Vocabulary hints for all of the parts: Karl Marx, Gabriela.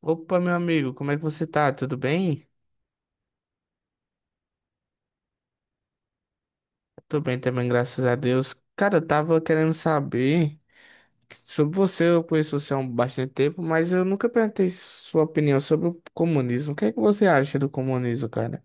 Opa, meu amigo, como é que você tá? Tudo bem? Tô bem também, graças a Deus. Cara, eu tava querendo saber sobre você. Eu conheço você há um bastante tempo, mas eu nunca perguntei sua opinião sobre o comunismo. O que é que você acha do comunismo, cara?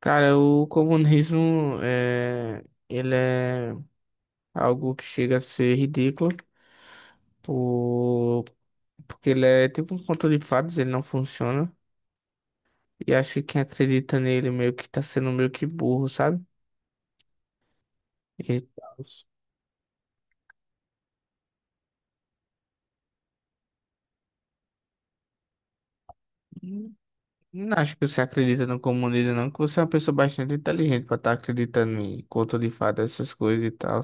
Cara, o comunismo é... ele é algo que chega a ser ridículo, por... porque ele é tipo um conto de fadas, ele não funciona. E acho que quem acredita nele meio que tá sendo meio que burro, sabe? E tal. Não acho que você acredita no comunismo, não, que você é uma pessoa bastante inteligente pra estar acreditando em conto de fada, essas coisas e tal.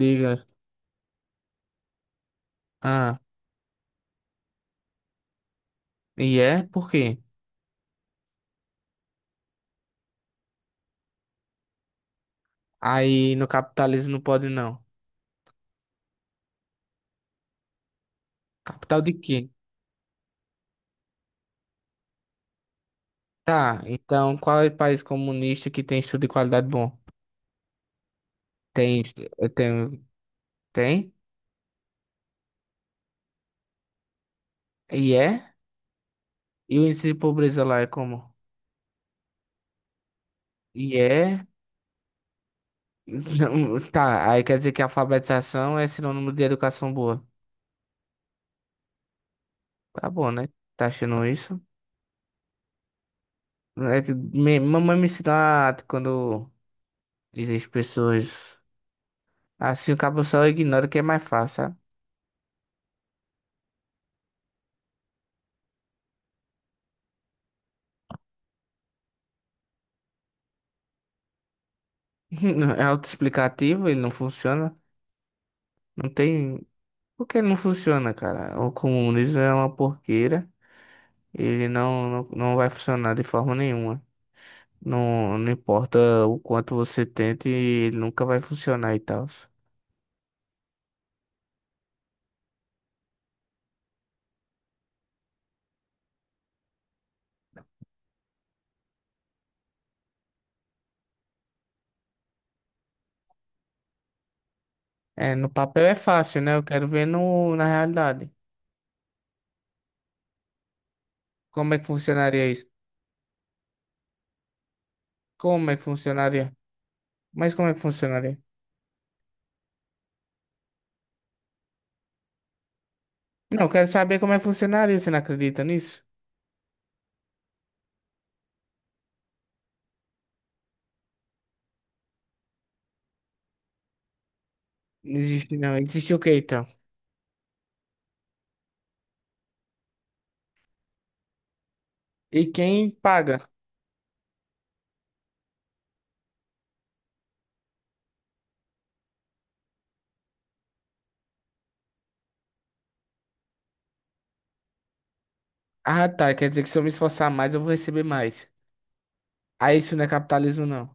Diga, ah, e é? Por quê? Aí no capitalismo não pode, não. Capital de quê? Tá, então qual é o país comunista que tem estudo de qualidade bom? Tem, tem, tem? E é? E o índice de pobreza lá é como? E é? Não, tá, aí quer dizer que a alfabetização é sinônimo de educação boa. Tá bom, né? Tá achando isso? É que mamãe me ensina quando dizem as pessoas. Assim o cabo só ignora que é mais fácil, sabe? É autoexplicativo, ele não funciona. Não tem. Por que ele não funciona, cara? O comunismo é uma porqueira. Ele não vai funcionar de forma nenhuma. Não, não importa o quanto você tente, ele nunca vai funcionar e tal. É, no papel é fácil, né? Eu quero ver no, na realidade. Como é que funcionaria isso? Como é que funcionaria? Mas como é que funcionaria? Não, eu quero saber como é que funcionaria. Você não acredita nisso? Não existe, não. Existe o quê, então? E quem paga? Ah, tá. Quer dizer que se eu me esforçar mais, eu vou receber mais. Ah, isso não é capitalismo, não.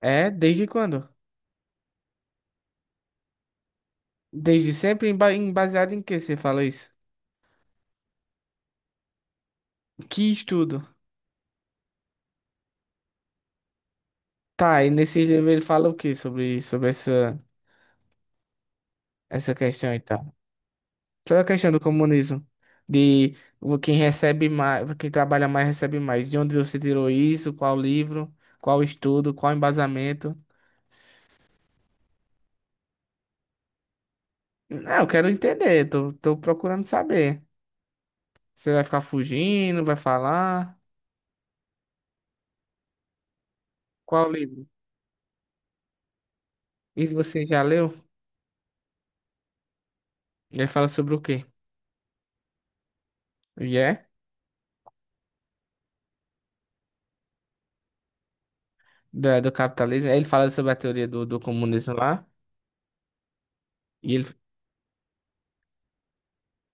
É? Desde quando? Desde sempre? Baseado em que você fala isso? Que estudo? Tá, e nesse livro ele fala o que sobre, sobre essa questão e tal? Sobre a questão do comunismo. Quem recebe mais, quem trabalha mais recebe mais. De onde você tirou isso? Qual livro? Qual estudo? Qual embasamento? Não, eu quero entender, tô procurando saber. Você vai ficar fugindo, vai falar? Qual livro? E você já leu? Ele fala sobre o quê? E é do capitalismo. Ele fala sobre a teoria do comunismo lá. E ele,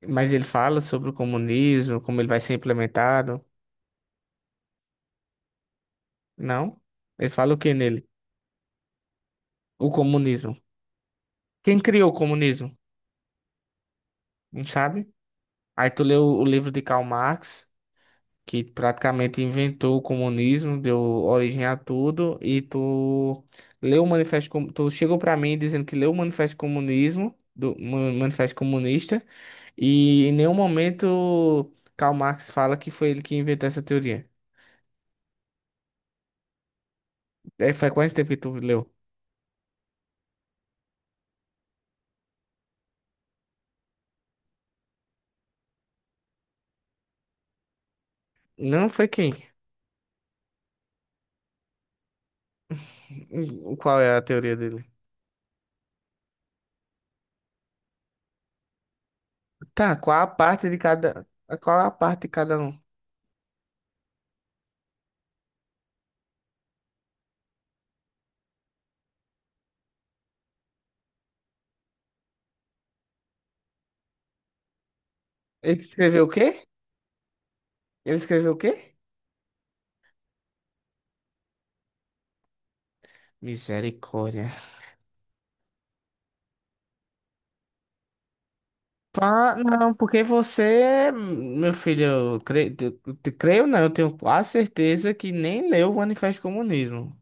mas ele fala sobre o comunismo, como ele vai ser implementado. Não? Ele fala o que nele? O comunismo. Quem criou o comunismo? Não sabe? Aí tu leu o livro de Karl Marx. Que praticamente inventou o comunismo, deu origem a tudo, e tu leu o manifesto, tu chegou para mim dizendo que leu o manifesto comunismo, do manifesto comunista, e em nenhum momento Karl Marx fala que foi ele que inventou essa teoria. É, faz quanto tempo que tu leu? Não foi quem? Qual é a teoria dele? Tá, qual a parte de cada, qual a parte de cada um? Ele escreveu o quê? Ele escreveu o quê? Misericórdia. Ah, não, porque você, meu filho, eu creio, creio não, eu tenho quase certeza que nem leu o Manifesto Comunismo.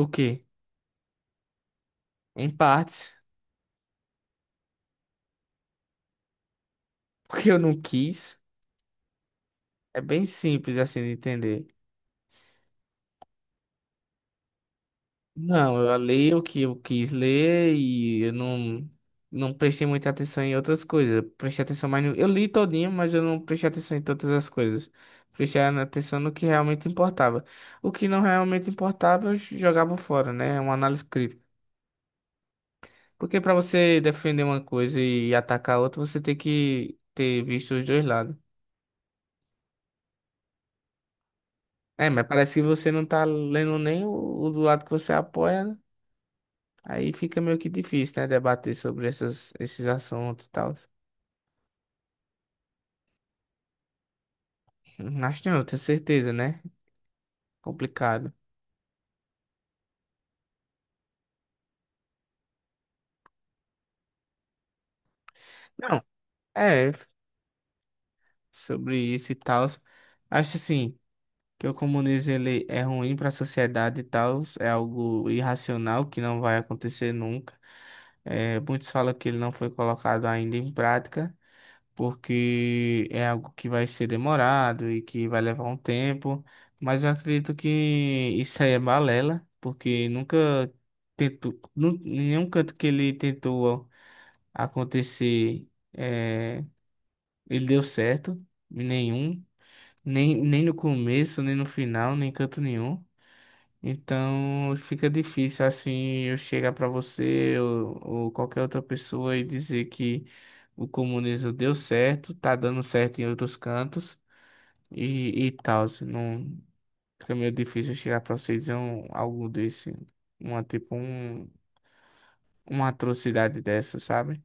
O quê? Em partes, porque eu não quis. É bem simples assim de entender. Não, eu li o que eu quis ler e eu não, não prestei muita atenção em outras coisas. Eu prestei atenção mais no... Eu li todinho, mas eu não prestei atenção em todas as coisas. Prestei atenção no que realmente importava. O que não realmente importava, eu jogava fora, né? É uma análise crítica. Porque para você defender uma coisa e atacar a outra, você tem que ter visto os dois lados. É, mas parece que você não tá lendo nem o do lado que você apoia, né? Aí fica meio que difícil, né? Debater sobre esses assuntos e tal. Acho que não, tenho certeza, né? Complicado. Não, é, sobre isso e tal. Acho assim, que o comunismo ele é ruim para a sociedade e tal. É algo irracional que não vai acontecer nunca. É, muitos falam que ele não foi colocado ainda em prática. Porque é algo que vai ser demorado e que vai levar um tempo, mas eu acredito que isso aí é balela, porque nunca tentou, nenhum canto que ele tentou acontecer, eh, ele deu certo, nenhum, nem no começo, nem no final, nem em canto nenhum. Então fica difícil assim eu chegar para você ou qualquer outra pessoa e dizer que o comunismo deu certo, tá dando certo em outros cantos e tal. Se não, fica meio difícil eu chegar para você e dizer um, algo desse, uma tipo um, uma atrocidade dessa, sabe?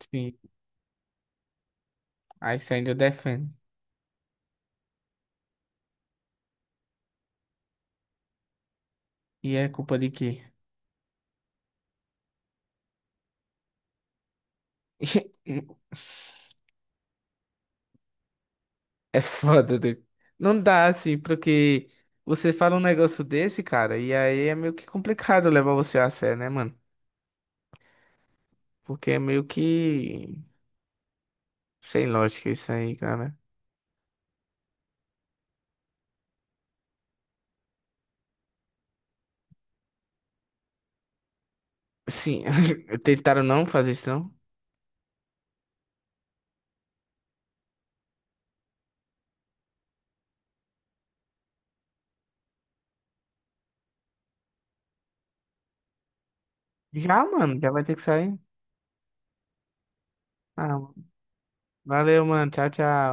Sim. Aí você ainda defende. E é culpa de quê? É foda, dude. Não dá assim, porque você fala um negócio desse, cara, e aí é meio que complicado levar você a sério, né, mano? Porque é meio que sem lógica isso aí, cara. Sim, tentaram não fazer isso, não? Já, mano, já vai ter que sair. Ah, valeu, mano. Tchau, tchau.